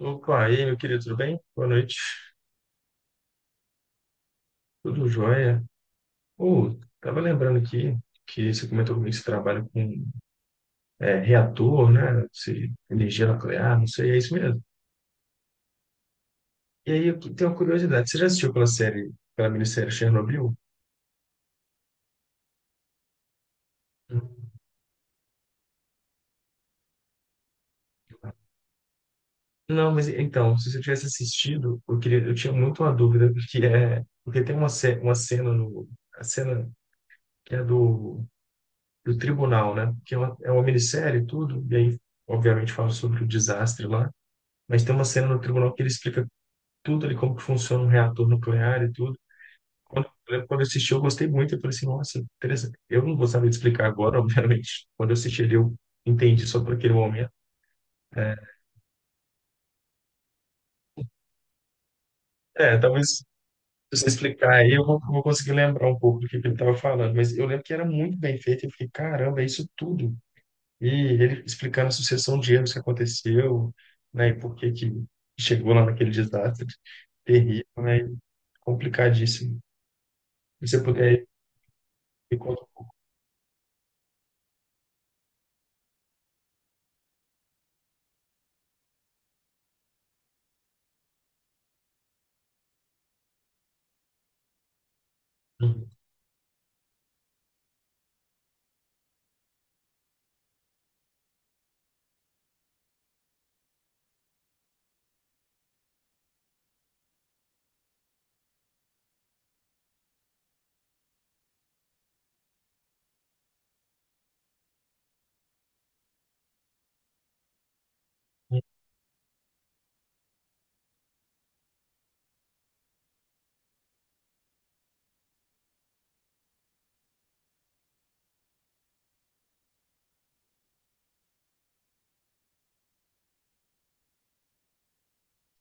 Opa, e aí, meu querido, tudo bem? Boa noite. Tudo jóia? Ô, tava lembrando aqui que você comentou comigo que você trabalha com reator, né? Se, energia nuclear, não sei, é isso mesmo. E aí, eu tenho uma curiosidade. Você já assistiu aquela série, aquela minissérie Chernobyl? Hum. Não, mas então, se você tivesse assistido, eu queria, eu tinha muito uma dúvida, porque tem uma, uma cena no, a cena que é do, do tribunal, né? Que é uma minissérie e tudo, e aí, obviamente, fala sobre o desastre lá. Mas tem uma cena no tribunal que ele explica tudo ali, como que funciona um reator nuclear e tudo. Quando, eu lembro quando eu assisti, eu gostei muito. Eu falei assim, nossa, interessante. Eu não gostaria de explicar agora, obviamente. Quando eu assisti ele, eu entendi só por aquele momento. É, talvez se você explicar aí, vou conseguir lembrar um pouco do que ele estava falando. Mas eu lembro que era muito bem feito. Eu fiquei, caramba, é isso tudo. E ele explicando a sucessão de erros que aconteceu, né, e por que chegou lá naquele desastre terrível, né, complicadíssimo. Se você puder Ficou- Uhum, uhum,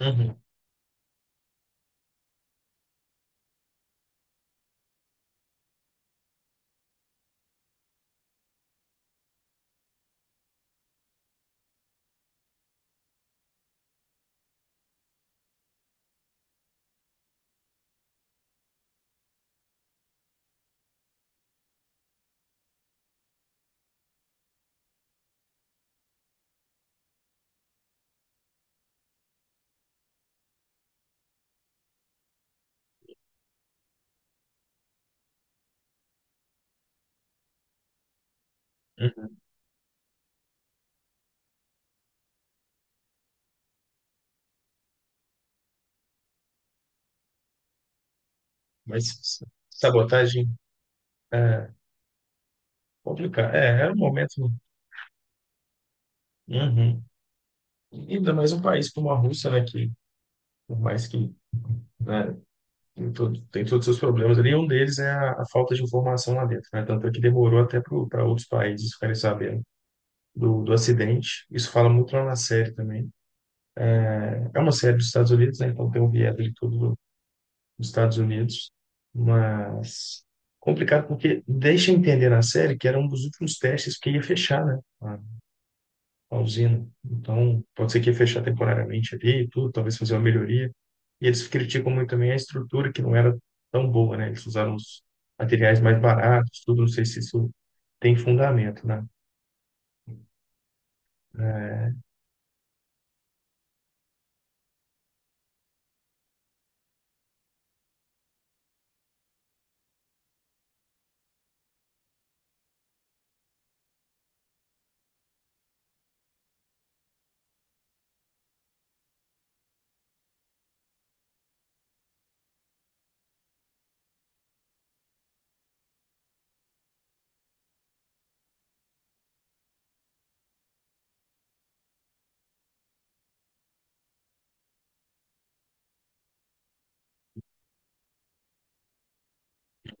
uhum, uhum. Mas sabotagem é complicado. É, era um momento. Uhum. E ainda mais um país como a Rússia, né? Que, por mais que né, tem, todo, tem todos os seus problemas ali, um deles é a falta de informação lá dentro, né? Tanto é que demorou até para outros países ficarem sabendo do, do acidente. Isso fala muito lá na série também. É uma série dos Estados Unidos, né? Então tem um viés ali todo nos Estados Unidos, mas complicado porque deixa entender na série que era um dos últimos testes que ia fechar, né, a usina. Então, pode ser que ia fechar temporariamente ali e tudo, talvez fazer uma melhoria. E eles criticam muito também a estrutura que não era tão boa, né? Eles usaram os materiais mais baratos, tudo, não sei se isso tem fundamento, né? É,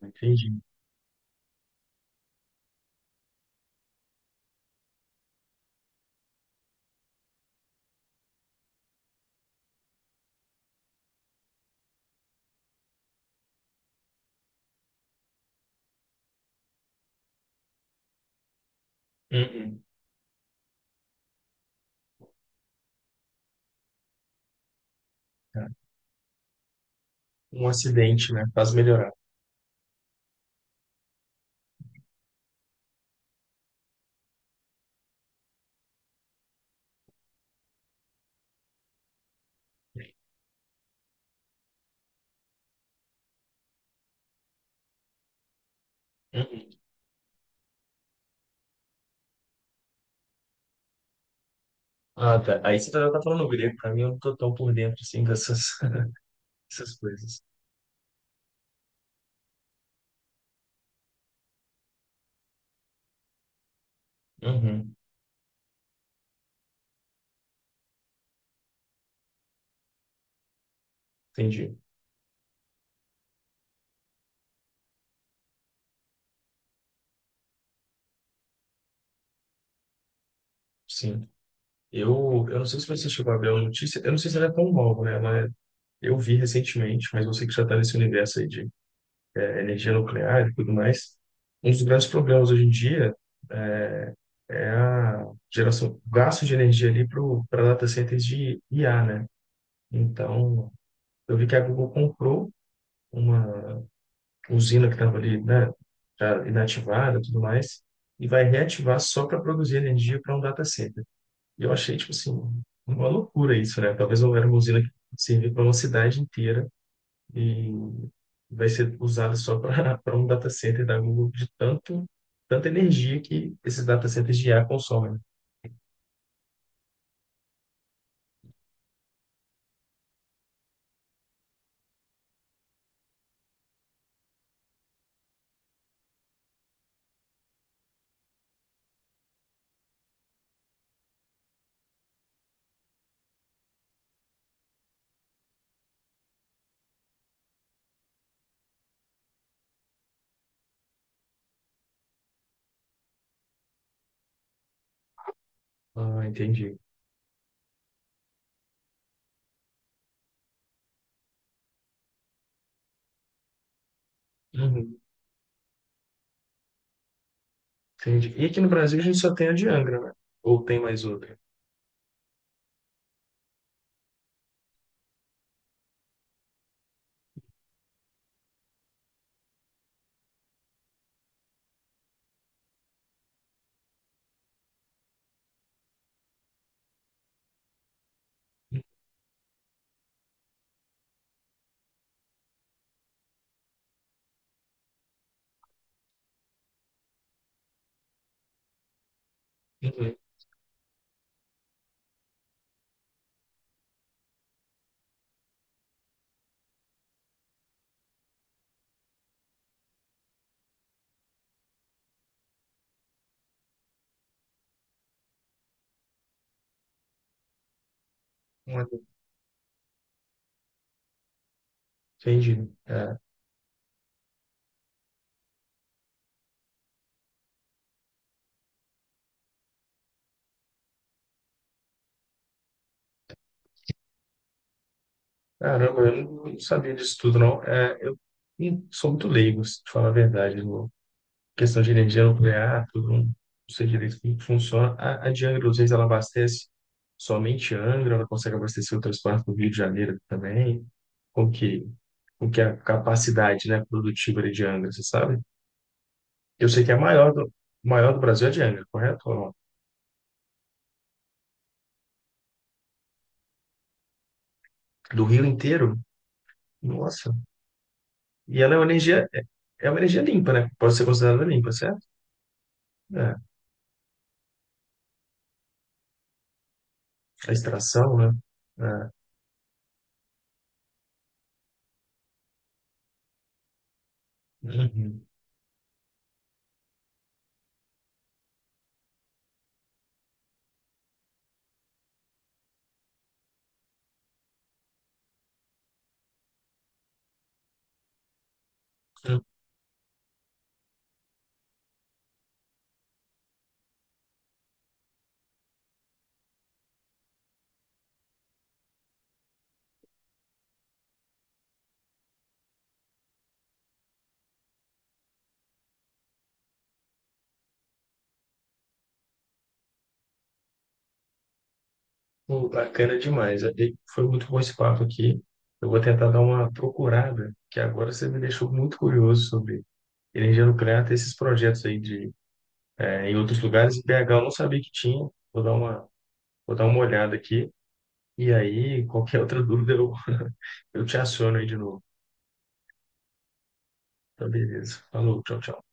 não entendi. Uhum. É. Um acidente, né? Faz melhorar. Uhum. Ah, tá. Aí você já tá falando grego, pra mim eu não tô tão por dentro assim dessas, dessas coisas. Uhum, entendi. Sim. Eu não sei se você chegou a ver a notícia, eu não sei se ela é tão nova, né? Mas eu vi recentemente, mas você que já está nesse universo aí de energia nuclear e tudo mais. Um dos grandes problemas hoje em dia é é a geração, gasto de energia ali para data centers de IA, né? Então, eu vi que a Google comprou uma usina que estava ali, né, já inativada e tudo mais, e vai reativar só para produzir energia para um data center. E eu achei, tipo assim, uma loucura isso, né? Talvez não era uma usina que servir para uma cidade inteira e vai ser usada só para para um data center da Google de tanto, tanta energia que esses data centers de IA consomem. Ah, entendi. Uhum, entendi. E aqui no Brasil a gente só tem a de Angra, né? Ou tem mais outra? Uhum, uma- entendi. É. Caramba, eu não não sabia disso tudo, não. É, eu sou muito leigo, se te falar a verdade, questão de energia nuclear, tudo, não sei direito como que funciona. A de Angra, às vezes, ela abastece somente Angra, ela consegue abastecer outras partes do Rio de Janeiro também. Como que, como que é a capacidade, né, produtiva ali de Angra, você sabe? Eu sei que é a maior do Brasil é de Angra, correto? Ou não? Do Rio inteiro? Nossa. E ela é uma energia, é uma energia limpa, né? Pode ser considerada limpa, certo? É. A extração, né? É. Uhum. Pô, bacana demais. É, e foi muito bom esse papo aqui. Eu vou tentar dar uma procurada, que agora você me deixou muito curioso sobre energia nuclear, ter esses projetos aí de, eh, em outros lugares. Em BH eu não sabia que tinha. Vou dar uma, vou dar uma olhada aqui. E aí, qualquer outra dúvida, eu te aciono aí de novo. Tá, beleza. Falou, tchau, tchau.